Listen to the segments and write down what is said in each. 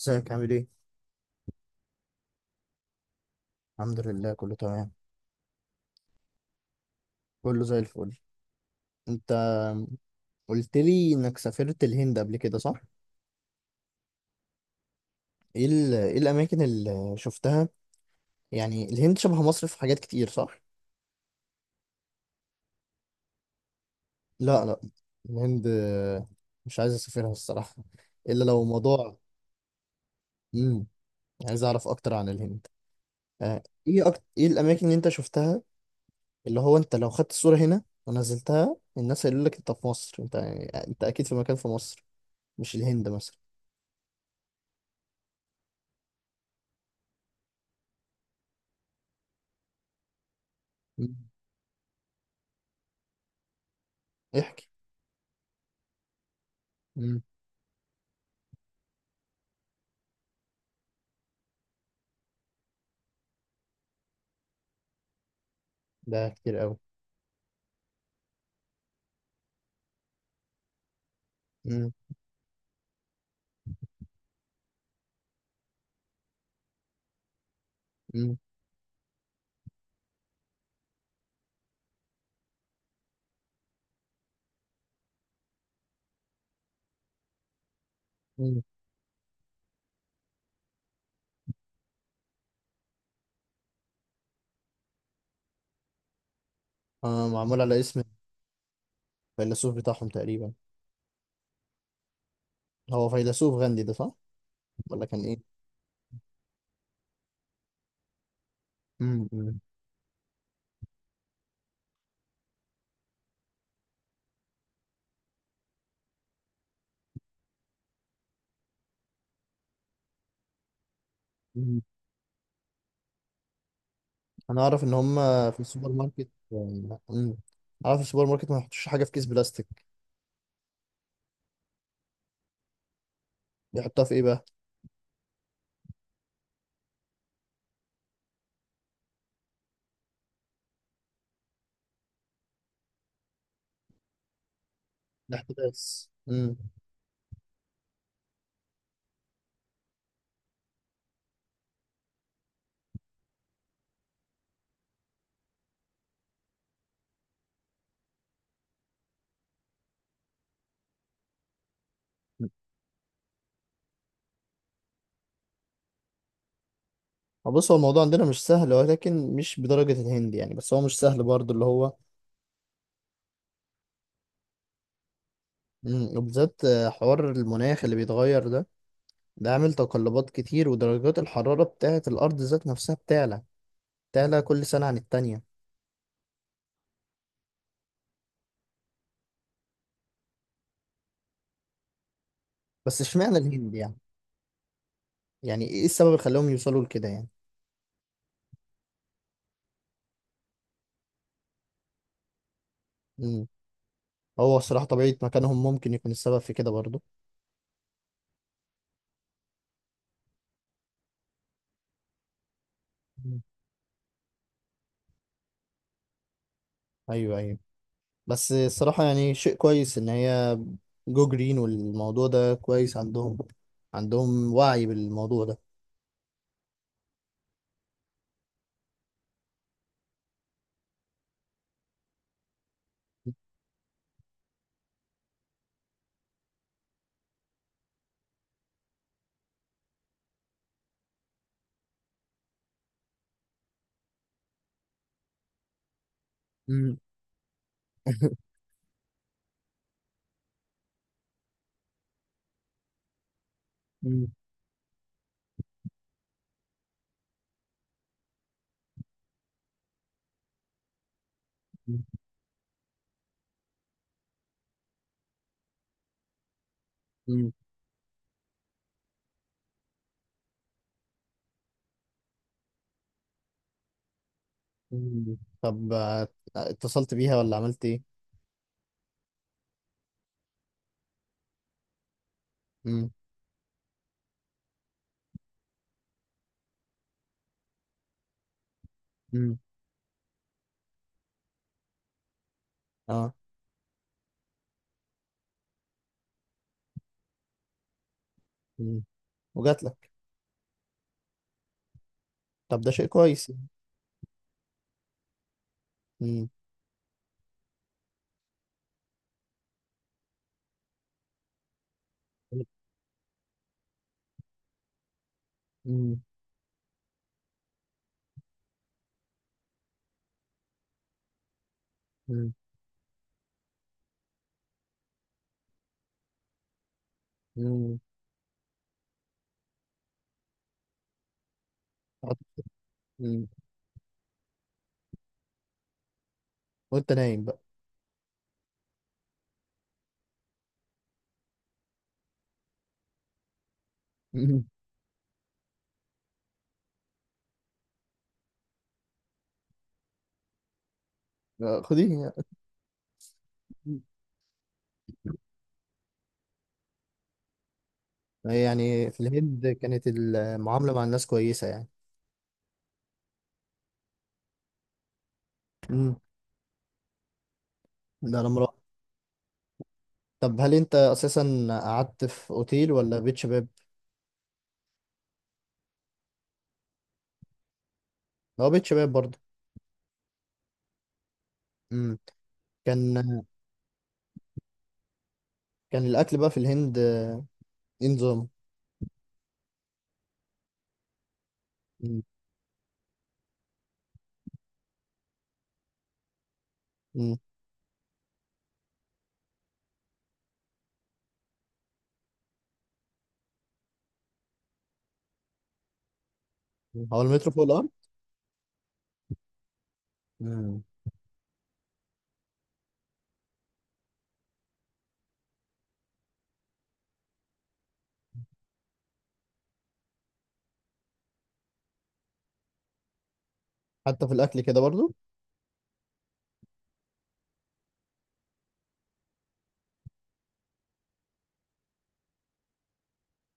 ازيك عامل ايه؟ الحمد لله كله تمام. كله زي الفل. انت قلت لي انك سافرت الهند قبل كده صح؟ ايه الاماكن اللي شفتها؟ يعني الهند شبه مصر في حاجات كتير صح؟ لا لا، الهند مش عايز اسافرها الصراحة، الا لو موضوع. امم عايز اعرف اكتر عن الهند. آه. ايه الاماكن اللي انت شفتها؟ اللي هو انت لو خدت الصورة هنا ونزلتها الناس هيقولوا لك انت في مصر، انت يعني انت اكيد في مكان في مصر، مش الهند مثلا. مم. احكي. ده كتير قوي. مم. مم. مم. آه، معمول على اسم الفيلسوف بتاعهم تقريبا. هو فيلسوف غاندي ده صح ولا كان ايه؟ مم. مم. مم. انا اعرف ان هم في السوبر ماركت، مم، اعرف في السوبر ماركت ما يحطوش حاجه في كيس بلاستيك. بيحطها في ايه بقى؟ الاحتباس. مم. آه، بص هو الموضوع عندنا مش سهل ولكن مش بدرجه الهند يعني، بس هو مش سهل برضه اللي هو. مم. وبالذات آه، حوار المناخ اللي بيتغير ده، ده عامل تقلبات كتير ودرجات الحراره بتاعه الارض ذات نفسها بتعلى. تعلى كل سنة عن التانية. بس اشمعنى الهند يعني؟ يعني ايه السبب اللي خلاهم يوصلوا لكده يعني؟ مم. هو الصراحة طبيعة مكانهم ممكن يكون السبب في كده برضو. مم. ايوه، ايوه، بس الصراحة يعني شيء كويس ان هي جو جرين، والموضوع ده كويس عندهم، عندهم وعي بالموضوع ده. مم. مم. مم. مم. طب آه، اتصلت بيها ولا عملت ايه؟ مم. مم. اه. مم. وجات لك؟ طب ده شيء كويس. مم. مم. مم. مم. حط- مم. وانت نايم بقى. مم. آه، خديه. يعني في الهند كانت المعاملة مع الناس كويسة يعني. مم. ده انا مرة. طب هل انت اساسا قعدت في اوتيل ولا بيت شباب؟ هو بيت شباب برضه. مم. كان. كان الاكل بقى في الهند آه، ايه نظام؟ مم. مم. هو المترو فوق الارض؟ مم. حتى في الاكل كده برضه.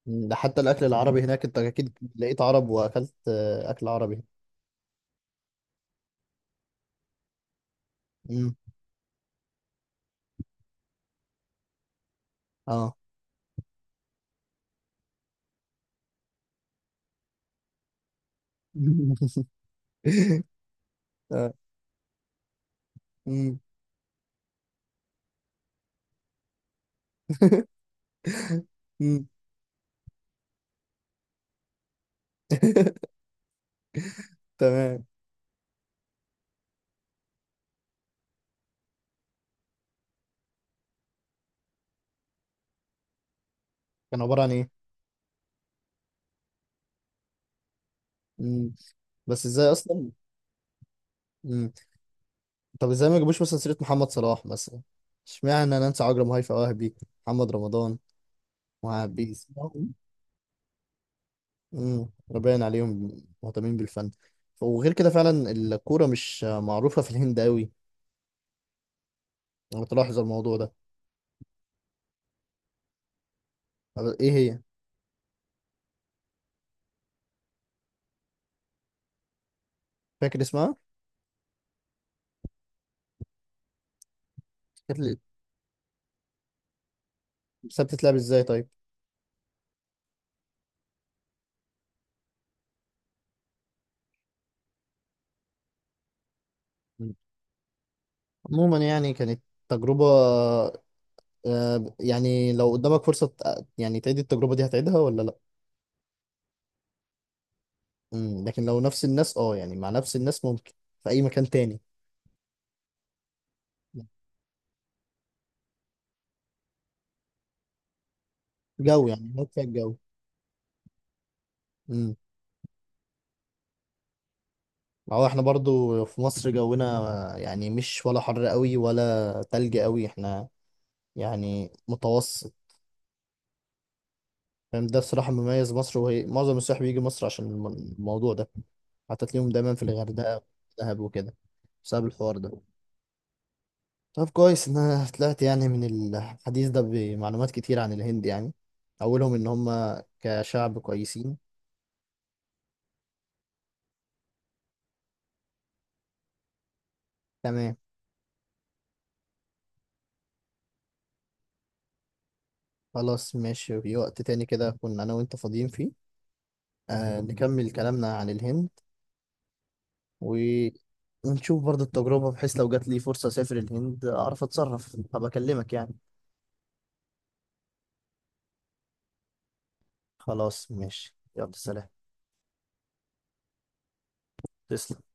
مم. ده حتى الاكل العربي هناك انت اكيد لقيت عرب واكلت آه، اكل عربي. مم. اه. آه. مم. مم. تمام. كان عبارة عن ايه؟ مم. بس ازاي اصلا؟ مم. طب ازاي ما جابوش مثلا سيرة محمد صلاح مثلا؟ اشمعنى نانسي عجرم، هيفاء وهبي، محمد رمضان وعبيس. امم، باين عليهم مهتمين بالفن. وغير كده فعلا الكورة مش معروفة في الهند قوي، انا بتلاحظ الموضوع ده. طب ايه هي؟ فاكر اسمها؟ كانت ل- بس بتتلعب ازاي طيب؟ مم. عموما يعني كانت تجربة. آه، يعني لو قدامك فرصة يعني تعيد التجربة دي هتعيدها ولا لا؟ مم. لكن لو نفس الناس، اه يعني مع نفس الناس، ممكن في اي مكان تاني. جو يعني هناك فيها الجو. امم. هو احنا برضو في مصر جونا يعني مش ولا حر قوي ولا تلج قوي، احنا يعني متوسط. فاهم ده بصراحة مميز مصر، وهي معظم السياح بيجي مصر عشان الموضوع ده، حتى تلاقيهم دايما في الغردقة ودهب وكده، بسبب الحوار ده. طب كويس ان انا طلعت يعني من الحديث ده بمعلومات كتير عن الهند يعني، اولهم ان هم كشعب كويسين. تمام. خلاص ماشي، في وقت تاني كده كنا أنا وأنت فاضيين فيه، آه نكمل كلامنا عن الهند، ونشوف برضه التجربة بحيث لو جات لي فرصة أسافر الهند أعرف أتصرف، هبقى أكلمك يعني. خلاص ماشي، يلا سلام. تسلم.